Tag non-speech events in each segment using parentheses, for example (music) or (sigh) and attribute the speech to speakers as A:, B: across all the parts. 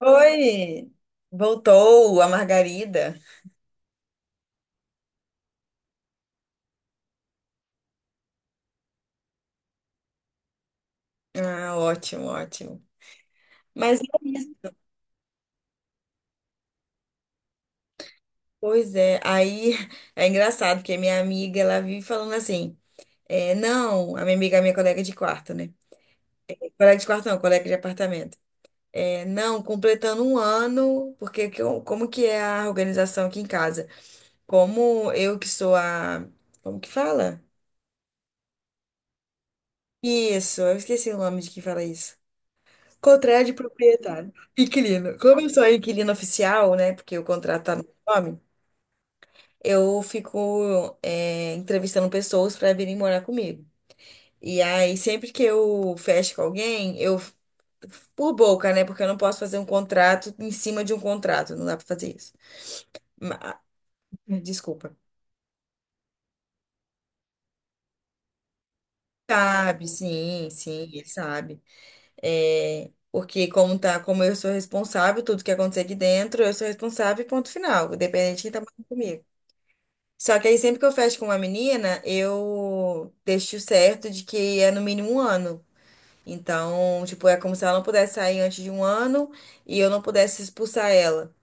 A: Oi! Voltou a Margarida. Ah, ótimo, ótimo. Mas é isso. Pois é, aí é engraçado, porque minha amiga, ela vive falando assim, não, a minha amiga, a minha colega de quarto, né? Colega de quarto não, colega de apartamento. Não, completando um ano, porque que como que é a organização aqui em casa? Como eu que sou a... Como que fala? Isso, eu esqueci o nome de quem fala isso. Contrato de proprietário. Inquilino. Como eu sou inquilino oficial, né? Porque o contrato tá no meu nome, eu fico entrevistando pessoas para virem morar comigo. E aí, sempre que eu fecho com alguém, eu. Por boca, né? Porque eu não posso fazer um contrato em cima de um contrato. Não dá para fazer isso. Ma- Desculpa. Sabe, sim, sim, ele sabe. É, porque como tá, como eu sou responsável, tudo que acontecer aqui dentro, eu sou responsável e ponto final, independente de quem tá morando comigo. Só que aí sempre que eu fecho com uma menina, eu deixo certo de que é no mínimo um ano. Então, tipo, é como se ela não pudesse sair antes de um ano e eu não pudesse expulsar ela.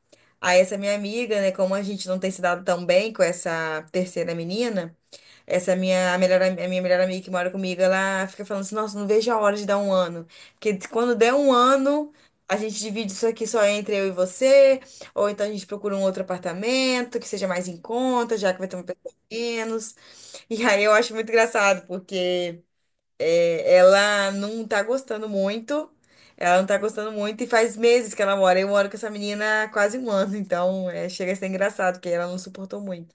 A: Aí essa minha amiga, né, como a gente não tem se dado tão bem com essa terceira menina, essa minha a melhor, a minha melhor amiga que mora comigo, ela fica falando assim, nossa, não vejo a hora de dar um ano. Porque quando der um ano, a gente divide isso aqui só entre eu e você, ou então a gente procura um outro apartamento que seja mais em conta, já que vai ter uma pessoa menos. E aí eu acho muito engraçado, porque ela não tá gostando muito, ela não tá gostando muito, e faz meses que ela mora. Eu moro com essa menina há quase um ano, então é, chega a ser engraçado, porque ela não suportou muito.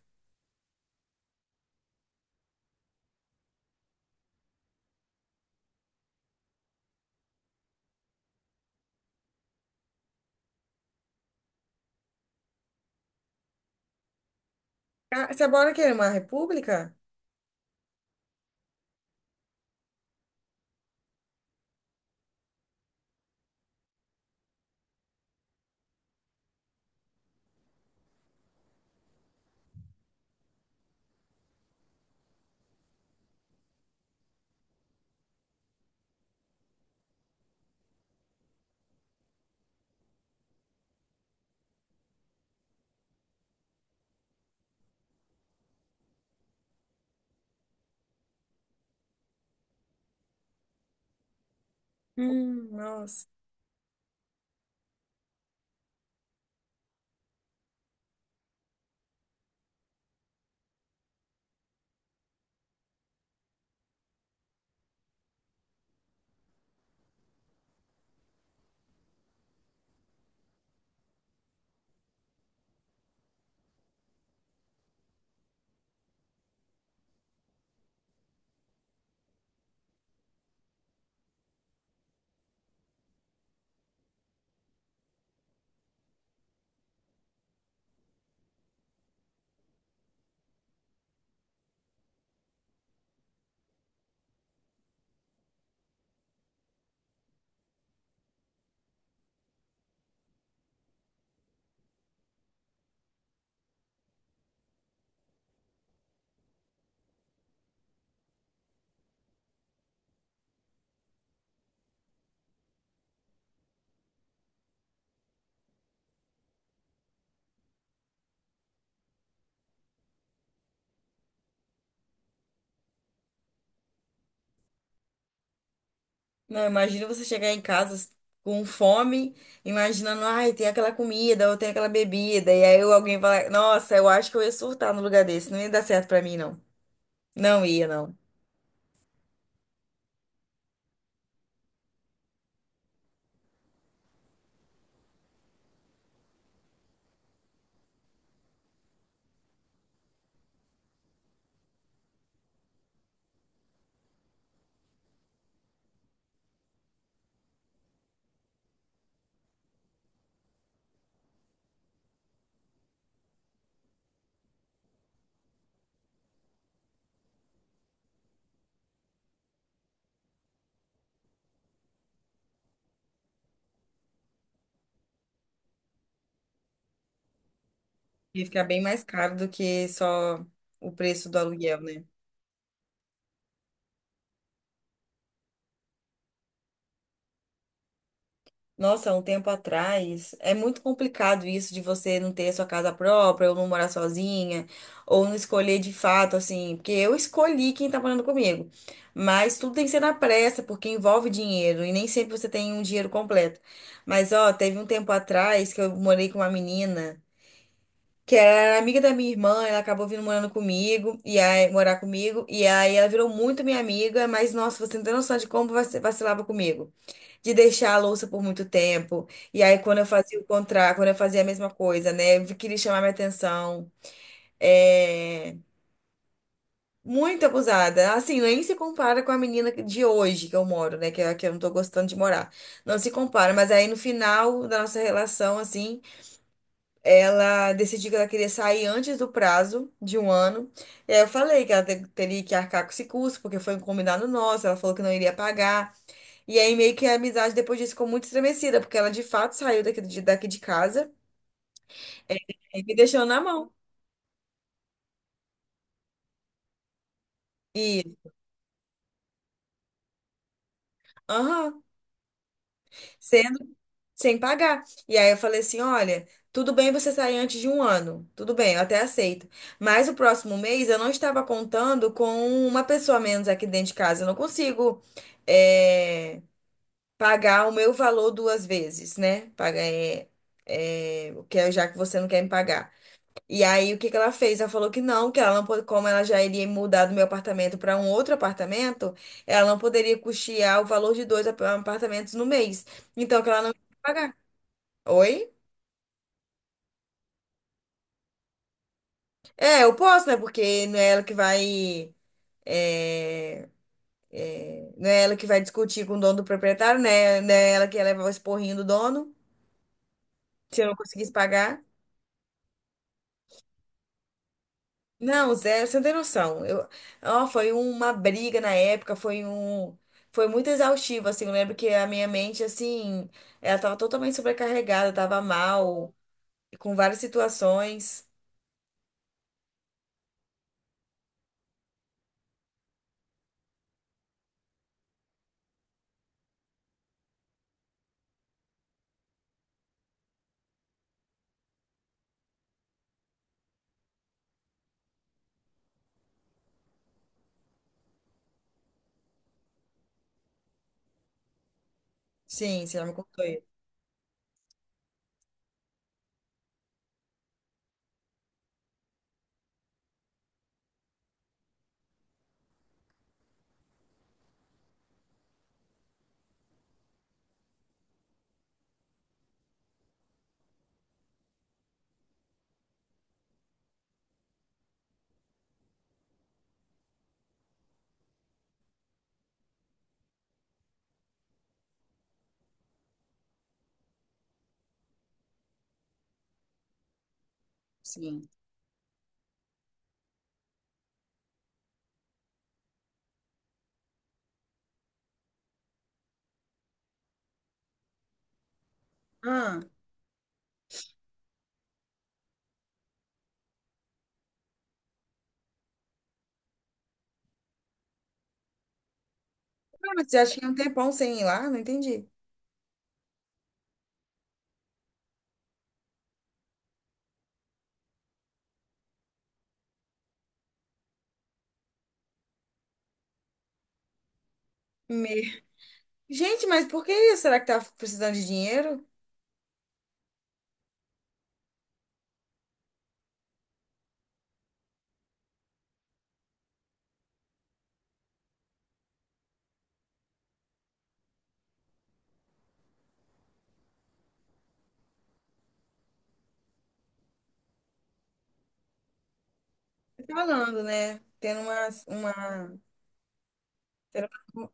A: Ah, você mora o quê? Uma república? Nossa. Não, imagina você chegar em casa com fome, imaginando, ai, tem aquela comida ou tem aquela bebida, e aí alguém fala, nossa, eu acho que eu ia surtar no lugar desse, não ia dar certo pra mim, não. Não ia, não. Ia ficar bem mais caro do que só o preço do aluguel, né? Nossa, há um tempo atrás, é muito complicado isso de você não ter a sua casa própria, ou não morar sozinha, ou não escolher de fato, assim, porque eu escolhi quem tá morando comigo. Mas tudo tem que ser na pressa, porque envolve dinheiro, e nem sempre você tem um dinheiro completo. Mas, ó, teve um tempo atrás que eu morei com uma menina que era amiga da minha irmã, ela acabou vindo morando comigo, e aí, morar comigo, e aí ela virou muito minha amiga, mas, nossa, você não tem noção de como vacilava comigo de deixar a louça por muito tempo. E aí, quando eu fazia o contrário, quando eu fazia a mesma coisa, né? Eu queria chamar minha atenção. É... Muito abusada. Assim, nem se compara com a menina de hoje que eu moro, né? Que, é a que eu não tô gostando de morar. Não se compara. Mas aí, no final da nossa relação, assim, ela decidiu que ela queria sair antes do prazo de um ano. E aí eu falei que ela teria que arcar com esse custo, porque foi um combinado nosso. Ela falou que não iria pagar. E aí meio que a amizade depois disso ficou muito estremecida, porque ela de fato saiu daqui daqui de casa e me deixou na mão. E, aham, sendo sem pagar. E aí eu falei assim, olha, tudo bem você sair antes de um ano, tudo bem, eu até aceito. Mas o próximo mês eu não estava contando com uma pessoa a menos aqui dentro de casa. Eu não consigo é, pagar o meu valor duas vezes, né? O que é já que você não quer me pagar. E aí, o que que ela fez? Ela falou que não, que ela não pode, como ela já iria mudar do meu apartamento para um outro apartamento, ela não poderia custear o valor de dois apartamentos no mês. Então, que ela não ia pagar. Oi? É, eu posso, né? Porque não é ela que vai. é, Não é ela que vai discutir com o dono do proprietário, né? Não é ela que ia levar o esporrinho do dono, se eu não conseguisse pagar. Não, Zé, você não tem noção. Eu, ó, foi uma briga na época, foi muito exaustivo, assim. Eu lembro que a minha mente, assim, ela tava totalmente sobrecarregada, tava mal, com várias situações. Sim, você já me contou isso. Sim. Ah, Ah, mas você acha que é um tempão sem ir lá? Não entendi. Me- Gente, mas por que isso? Será que tá precisando de dinheiro? Tô falando, né? Tendo uma, tendo uma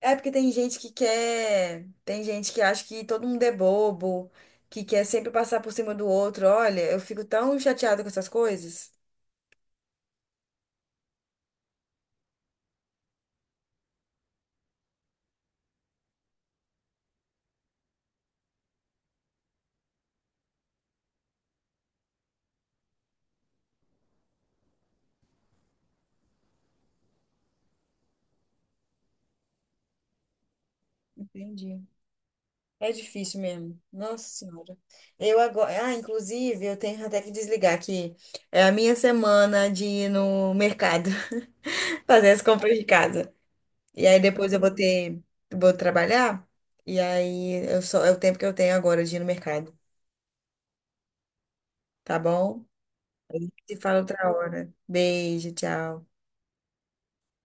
A: É porque tem gente que quer, tem gente que acha que todo mundo é bobo, que quer sempre passar por cima do outro. Olha, eu fico tão chateada com essas coisas. Entendi. É difícil mesmo. Nossa Senhora. Eu agora, ah, inclusive, eu tenho até que desligar aqui. É a minha semana de ir no mercado, (laughs) fazer as compras de casa. E aí depois eu vou ter, vou trabalhar. E aí eu só é o tempo que eu tenho agora de ir no mercado, tá bom? Se fala outra hora. Beijo, tchau.